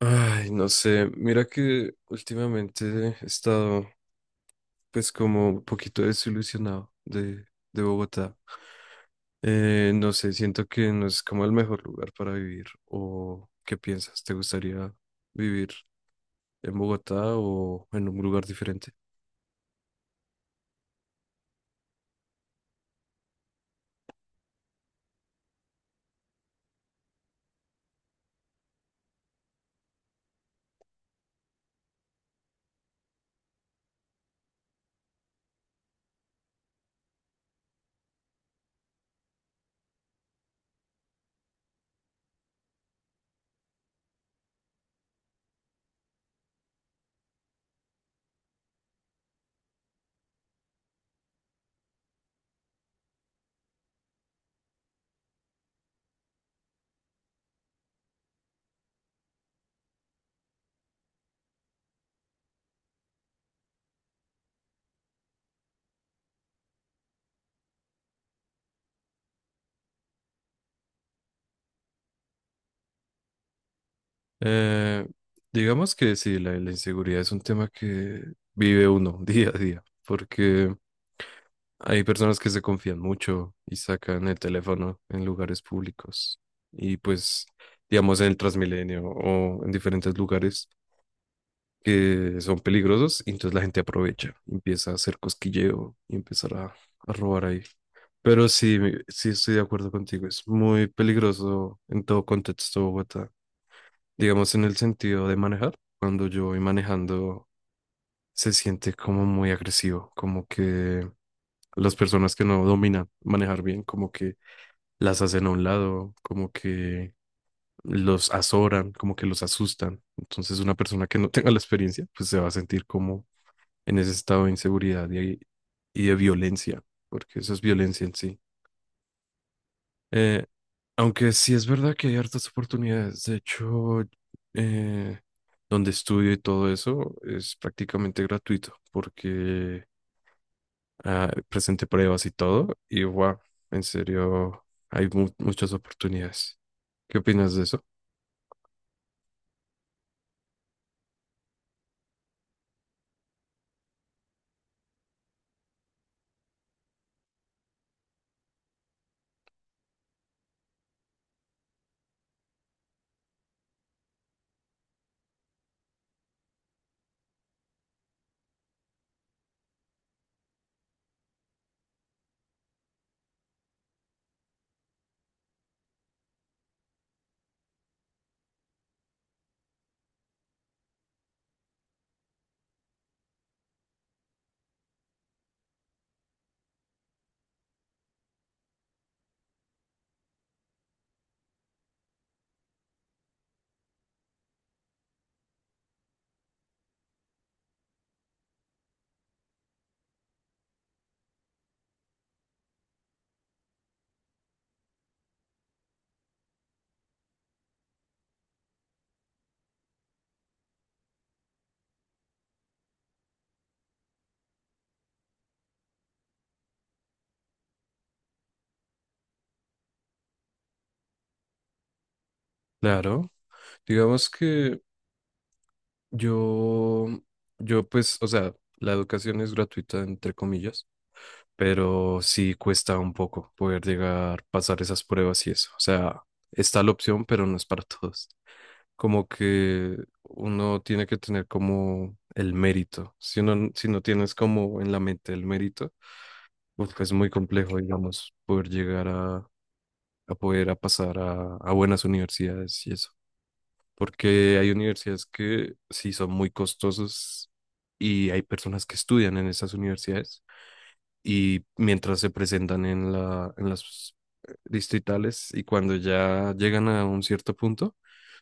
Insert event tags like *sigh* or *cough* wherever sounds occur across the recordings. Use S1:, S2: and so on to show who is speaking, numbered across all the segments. S1: Ay, no sé, mira que últimamente he estado, pues, como un poquito desilusionado de Bogotá. No sé, siento que no es como el mejor lugar para vivir. O ¿qué piensas? ¿Te gustaría vivir en Bogotá o en un lugar diferente? Eh, digamos que sí, la inseguridad es un tema que vive uno *laughs* día a día porque hay personas que se confían mucho y sacan el teléfono en lugares públicos y, pues, digamos, en el Transmilenio o en diferentes lugares que son peligrosos, y entonces la gente aprovecha, empieza a hacer cosquilleo y empezar a robar ahí. Pero sí, sí estoy de acuerdo contigo, es muy peligroso en todo contexto Bogotá, digamos, en el sentido de manejar. Cuando yo voy manejando se siente como muy agresivo, como que las personas que no dominan manejar bien, como que las hacen a un lado, como que los azoran, como que los asustan. Entonces una persona que no *laughs* tenga la experiencia, pues se va a sentir como en ese estado de inseguridad y y de violencia, porque eso es violencia en sí. Eh, Aunque sí es verdad que hay hartas oportunidades, de hecho, eh, donde estudio y todo eso es prácticamente gratuito, porque, ah, presenté pruebas y todo, y wow, en serio, hay muchas oportunidades. ¿Qué opinas de eso? Claro, digamos que yo, yo, pues, o sea, la educación es gratuita, entre comillas, pero sí cuesta un poco poder llegar, pasar esas pruebas y eso. O sea, está la opción, pero no es para todos. Como que uno tiene que tener como el mérito. Si uno, si no tienes como en la mente el mérito, pues, es muy complejo, digamos, poder llegar a poder a pasar a buenas universidades y eso. Porque hay universidades que sí son muy costosas y hay personas que estudian en esas universidades y mientras se presentan en en las distritales, y cuando ya llegan a un cierto punto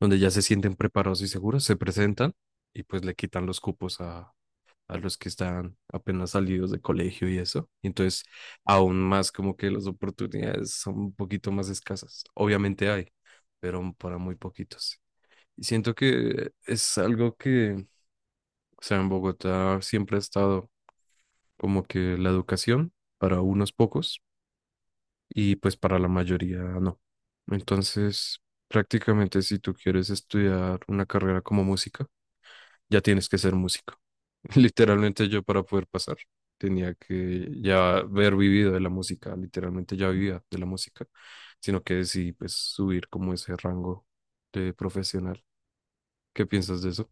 S1: donde ya se sienten preparados y seguros, se presentan y pues le quitan los cupos a los que están apenas salidos de colegio y eso. Y entonces, aún más, como que las oportunidades son un poquito más escasas. Obviamente hay, pero para muy poquitos. Y siento que es algo que, o sea, en Bogotá siempre ha estado como que la educación para unos pocos y, pues, para la mayoría no. Entonces, prácticamente, si tú quieres estudiar una carrera como música, ya tienes que ser músico. *laughs* Literalmente, yo, para poder pasar, tenía que ya haber vivido de la música, literalmente ya vivía de la música, sino que decidí, pues, subir como ese rango de profesional. ¿Qué piensas de eso?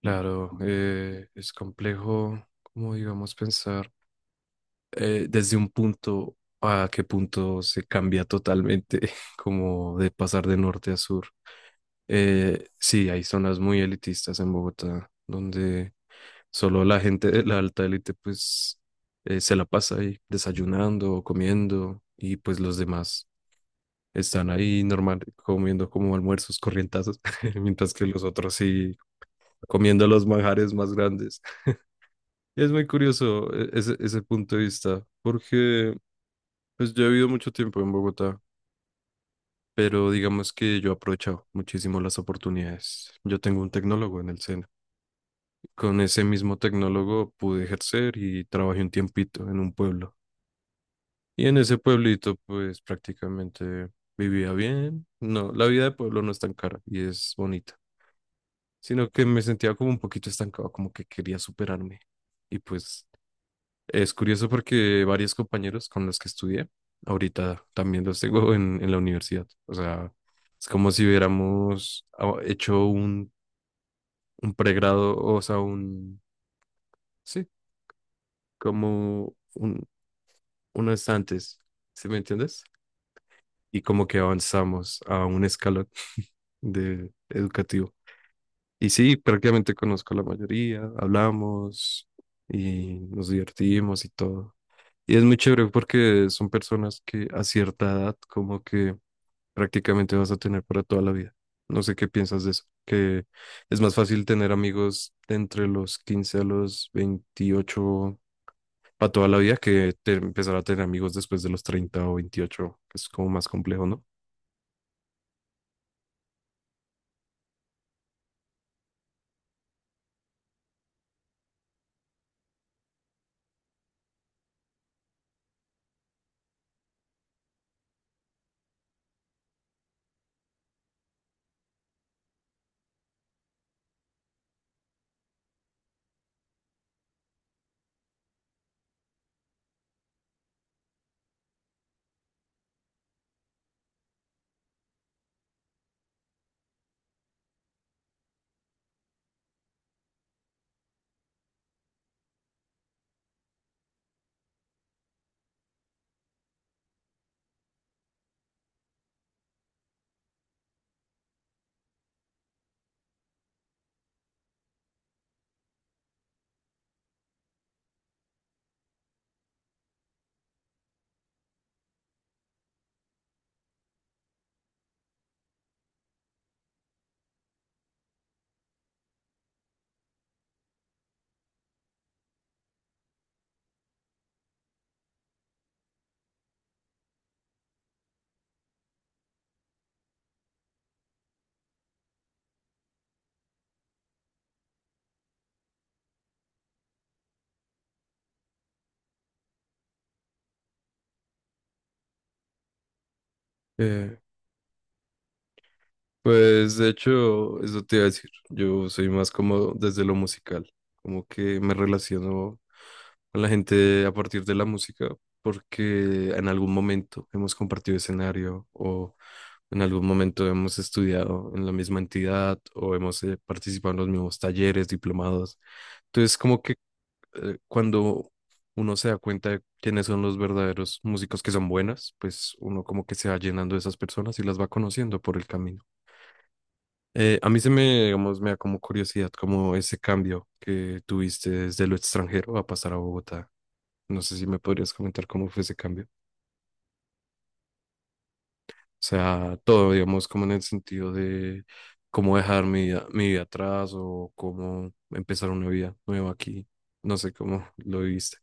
S1: Claro, es complejo, como, digamos, pensar. Desde un punto a qué punto se cambia totalmente, *laughs* como de pasar de norte a sur. Sí, hay zonas muy elitistas en Bogotá, donde solo la gente de la alta élite, pues, se la pasa ahí desayunando o comiendo, y pues los demás están ahí normal comiendo como almuerzos corrientazos, *laughs* mientras que los otros sí comiendo los manjares más grandes. Es muy curioso, ese punto de vista, porque pues yo he vivido mucho tiempo en Bogotá, pero digamos que yo he aprovechado muchísimo las oportunidades. Yo tengo un tecnólogo en el SENA. Con ese mismo tecnólogo pude ejercer y trabajé un tiempito en un pueblo. Y en ese pueblito, pues, prácticamente vivía bien. No, la vida de pueblo no es tan cara y es bonita, sino que me sentía como un poquito estancado, como que quería superarme. Y pues es curioso porque varios compañeros con los que estudié, ahorita también los tengo en la universidad. O sea, es como si hubiéramos, ah, hecho un pregrado, o sea, sí, como unos antes, ¿sí me entiendes? Y como que avanzamos a un escalón de educativo. Y sí, prácticamente conozco a la mayoría, hablamos y nos divertimos y todo. Y es muy chévere porque son personas que a cierta edad, como que prácticamente vas a tener para toda la vida. No sé qué piensas de eso, que es más fácil tener amigos de entre los 15 a los 28 para toda la vida que empezar a tener amigos después de los 30 o 28, que es como más complejo, ¿no? Eh, Pues de hecho, eso te iba a decir. Yo soy más como desde lo musical, como que me relaciono con la gente a partir de la música, porque en algún momento hemos compartido escenario o en algún momento hemos estudiado en la misma entidad o hemos, participado en los mismos talleres, diplomados. Entonces, como que, cuando uno se da cuenta de quiénes son los verdaderos músicos que son buenas, pues uno como que se va llenando de esas personas y las va conociendo por el camino. A mí se me, digamos, me da como curiosidad como ese cambio que tuviste desde lo extranjero a pasar a Bogotá. No sé si me podrías comentar cómo fue ese cambio. O sea, todo, digamos, como en el sentido de cómo dejar mi vida atrás o cómo empezar una vida nueva aquí. No sé cómo *laughs* lo viviste.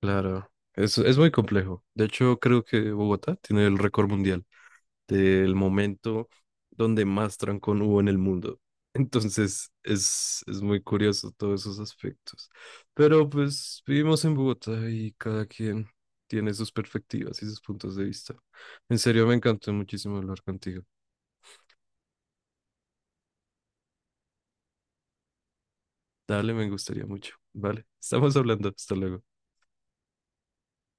S1: Claro, es muy complejo. De hecho, creo que Bogotá tiene el récord mundial del momento donde más trancón hubo en el mundo. *laughs* Entonces es muy curioso todos esos aspectos. Pero pues vivimos en Bogotá y cada quien tiene sus perspectivas y sus puntos de vista. En serio, me encantó muchísimo hablar contigo. Dale, me gustaría mucho. Vale, estamos hablando. Hasta luego.